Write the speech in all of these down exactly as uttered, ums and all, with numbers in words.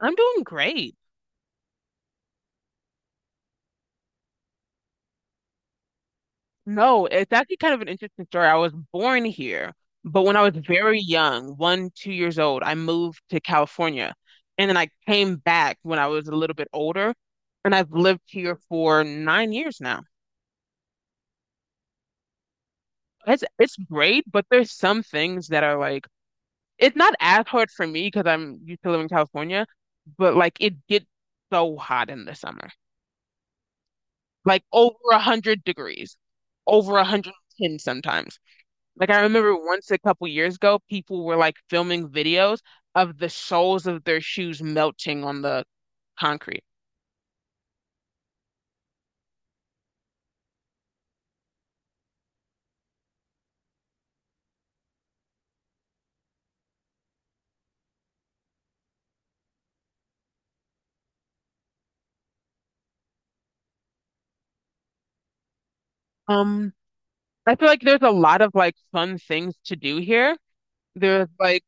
I'm doing great. No, it's actually kind of an interesting story. I was born here, but when I was very young, one, two years old, I moved to California. And then I came back when I was a little bit older, and I've lived here for nine years now. It's it's great, but there's some things that are like it's not as hard for me because I'm used to living in California, but like it gets so hot in the summer. Like over a hundred degrees, over a hundred and ten sometimes. Like I remember once a couple years ago, people were like filming videos of the soles of their shoes melting on the concrete. Um, I feel like there's a lot of like fun things to do here. There's like,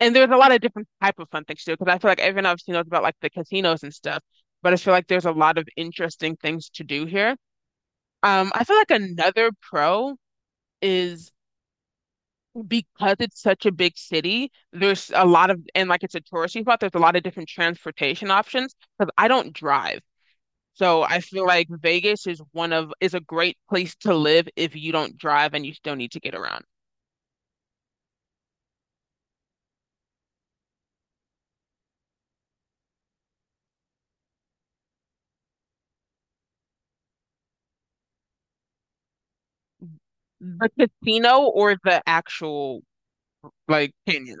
and there's a lot of different type of fun things to do because I feel like everyone obviously knows about like the casinos and stuff, but I feel like there's a lot of interesting things to do here. Um, I feel like another pro is because it's such a big city, there's a lot of, and like it's a touristy spot, there's a lot of different transportation options because I don't drive. So I feel like Vegas is one of, is a great place to live if you don't drive and you still need to get around. The casino or the actual like canyon?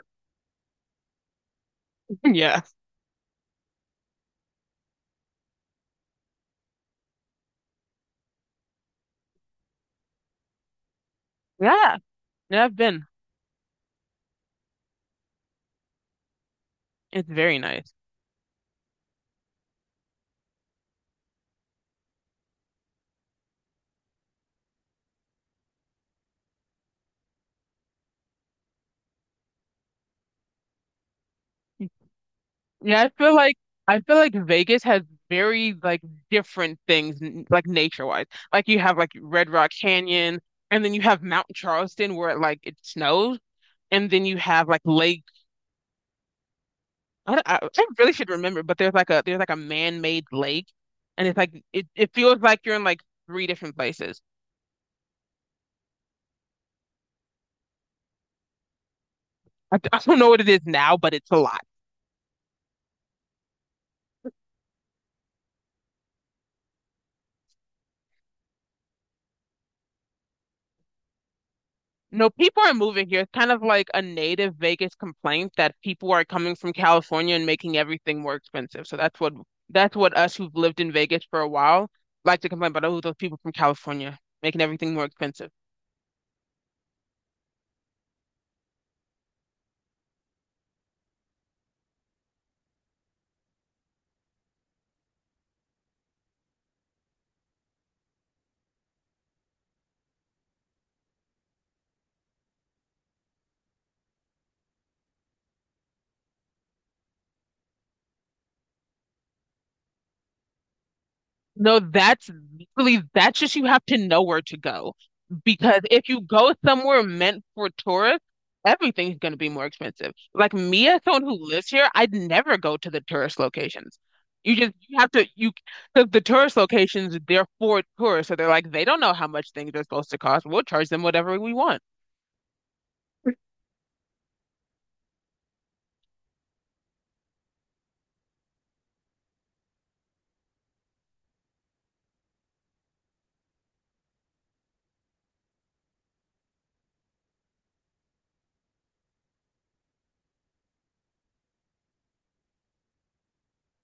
Yeah. Yeah. Yeah, I've been. It's very nice. Yeah, I feel like I feel like Vegas has very like different things n- like nature-wise. Like you have like Red Rock Canyon and then you have Mount Charleston where it, like it snows, and then you have like Lake— I, don't- I, I really should remember, but there's like a there's like a man-made lake, and it's like it, it feels like you're in like three different places. I, I don't know what it is now, but it's a lot. No, people are moving here. It's kind of like a native Vegas complaint that people are coming from California and making everything more expensive. So that's what that's what us who've lived in Vegas for a while like to complain about. Oh, those people from California making everything more expensive. No, that's really that's just— you have to know where to go. Because if you go somewhere meant for tourists, everything's going to be more expensive. Like me, as someone who lives here, I'd never go to the tourist locations. You just you have to you because the tourist locations, they're for tourists, so they're like they don't know how much things are supposed to cost. We'll charge them whatever we want.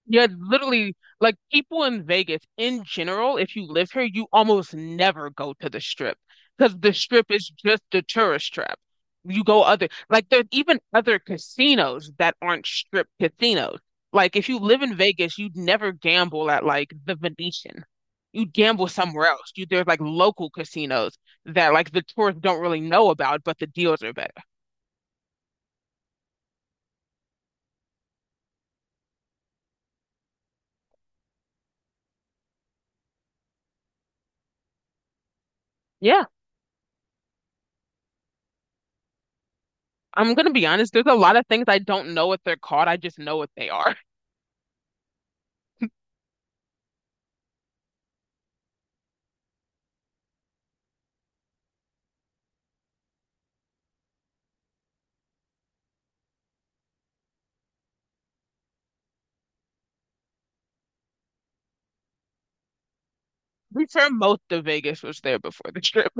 Yeah, literally, like people in Vegas in general, if you live here, you almost never go to the strip because the strip is just the tourist trap. You go other, like, there's even other casinos that aren't strip casinos. Like, if you live in Vegas, you'd never gamble at like the Venetian. You'd gamble somewhere else. You there's like local casinos that like the tourists don't really know about, but the deals are better. Yeah, I'm gonna be honest. There's a lot of things I don't know what they're called. I just know what they are. I'm sure most of Vegas was there before the trip.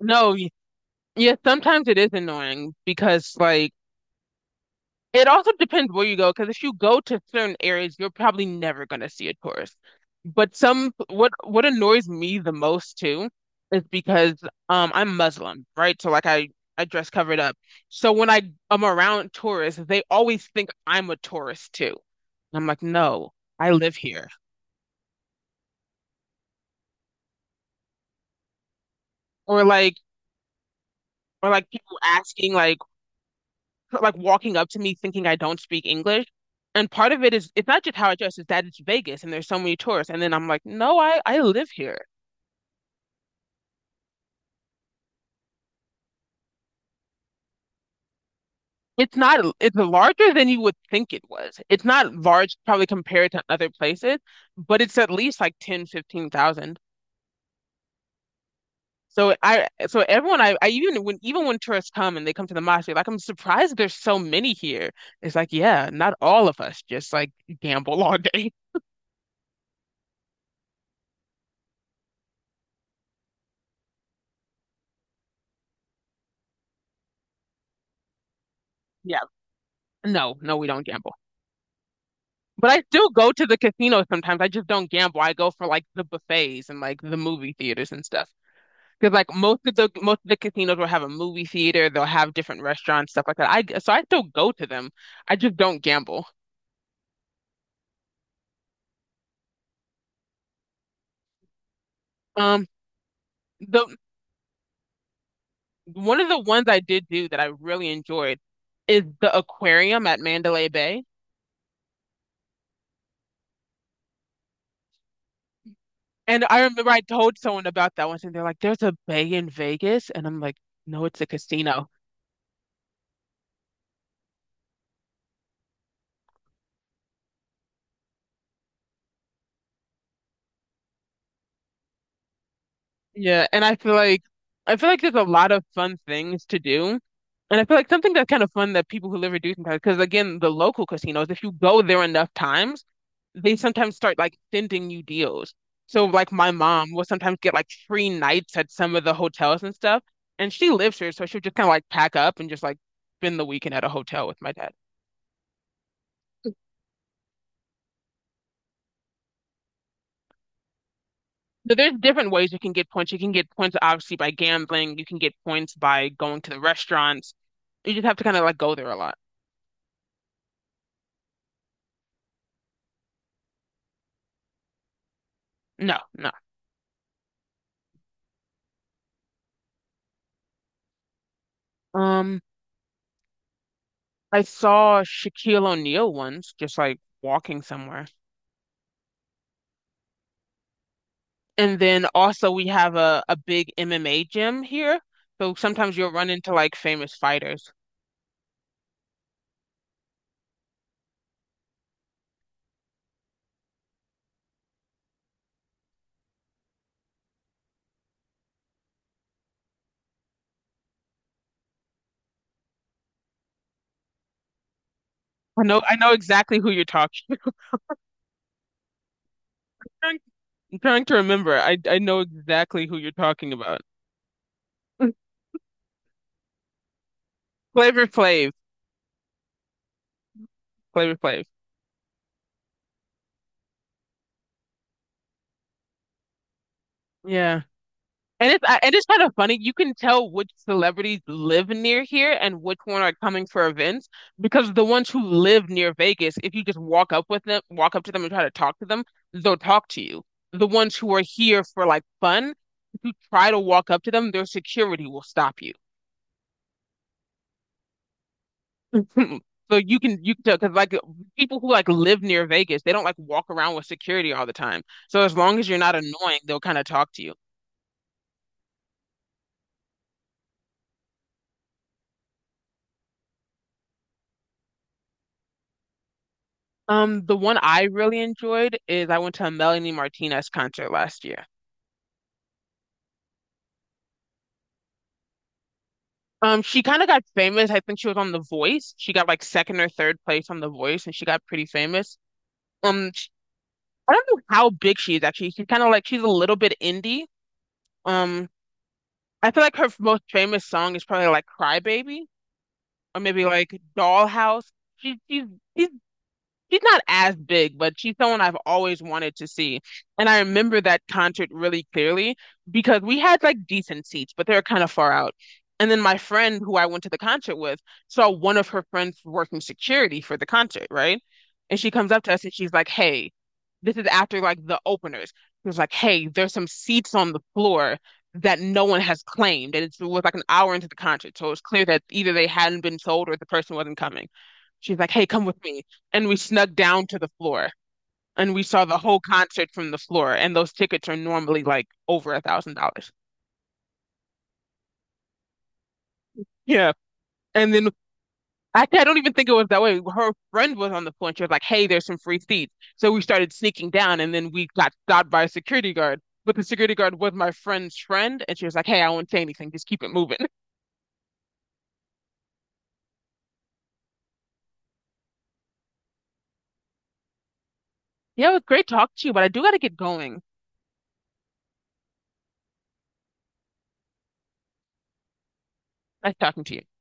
No, y- yeah, sometimes it is annoying because like it also depends where you go. Because if you go to certain areas, you're probably never gonna see a tourist. But some what what annoys me the most too is because um I'm Muslim, right? So like I I dress covered up. So when I am around tourists, they always think I'm a tourist too. And I'm like, no, I live here. Or like or like people asking, like like walking up to me thinking I don't speak English. And part of it is it's not just how I dress, it's that it's Vegas and there's so many tourists. And then I'm like, no, I I live here. It's not It's larger than you would think it was. It's not large probably compared to other places, but it's at least like ten fifteen thousand. So I so everyone— I, I even when even when tourists come and they come to the mosque, they're like, I'm surprised there's so many here. It's like, yeah, not all of us just like gamble all day. Yeah. No, no, we don't gamble. But I still go to the casino sometimes. I just don't gamble. I go for like the buffets and like the movie theaters and stuff. Because like most of the most of the casinos will have a movie theater. They'll have different restaurants, stuff like that. I so I still go to them. I just don't gamble. Um, the one of the ones I did do that I really enjoyed is the aquarium at Mandalay Bay. And I remember I told someone about that once, and they're like, "There's a bay in Vegas," and I'm like, "No, it's a casino." Yeah, and I feel like I feel like there's a lot of fun things to do. And I feel like something that's kind of fun that people who live here do sometimes, because again, the local casinos, if you go there enough times, they sometimes start like sending you deals. So like my mom will sometimes get like free nights at some of the hotels and stuff. And she lives here, so she'll just kind of like pack up and just like spend the weekend at a hotel with my dad. So there's different ways you can get points. You can get points obviously by gambling. You can get points by going to the restaurants. You just have to kind of like go there a lot. No, no. Um, I saw Shaquille O'Neal once, just like walking somewhere. And then also we have a, a big M M A gym here. So sometimes you'll run into like famous fighters. I know I know exactly who you're talking. I'm trying, I'm trying to remember. I I know exactly who you're talking about. Flavor Flav. Flavor Flav. Yeah. And it's I- and it's kind of funny. You can tell which celebrities live near here and which one are coming for events because the ones who live near Vegas, if you just walk up with them, walk up to them and try to talk to them, they'll talk to you. The ones who are here for like fun, if you try to walk up to them, their security will stop you. So you can you can tell because like people who like live near Vegas, they don't like walk around with security all the time. So as long as you're not annoying, they'll kind of talk to you. Um, the one I really enjoyed is I went to a Melanie Martinez concert last year. Um, she kind of got famous. I think she was on The Voice. She got like second or third place on The Voice, and she got pretty famous. Um, sh- I don't know how big she is actually. She's kind of like she's a little bit indie. Um, I feel like her f- most famous song is probably like Cry Baby or maybe like Dollhouse. She she's she's she's not as big, but she's someone I've always wanted to see. And I remember that concert really clearly because we had like decent seats, but they were kind of far out. And then my friend who I went to the concert with saw one of her friends working security for the concert, right? And she comes up to us and she's like, "Hey," this is after like the openers. She was like, "Hey, there's some seats on the floor that no one has claimed." And it's, it was like an hour into the concert. So it's clear that either they hadn't been sold or the person wasn't coming. She's like, "Hey, come with me," and we snuck down to the floor and we saw the whole concert from the floor. And those tickets are normally like over a thousand dollars. Yeah. And then actually, I don't even think it was that way. Her friend was on the floor and she was like, "Hey, there's some free seats." So we started sneaking down and then we got stopped by a security guard. But the security guard was my friend's friend and she was like, "Hey, I won't say anything. Just keep it moving." Yeah, it was great talking to you, but I do got to get going. Nice talking to you.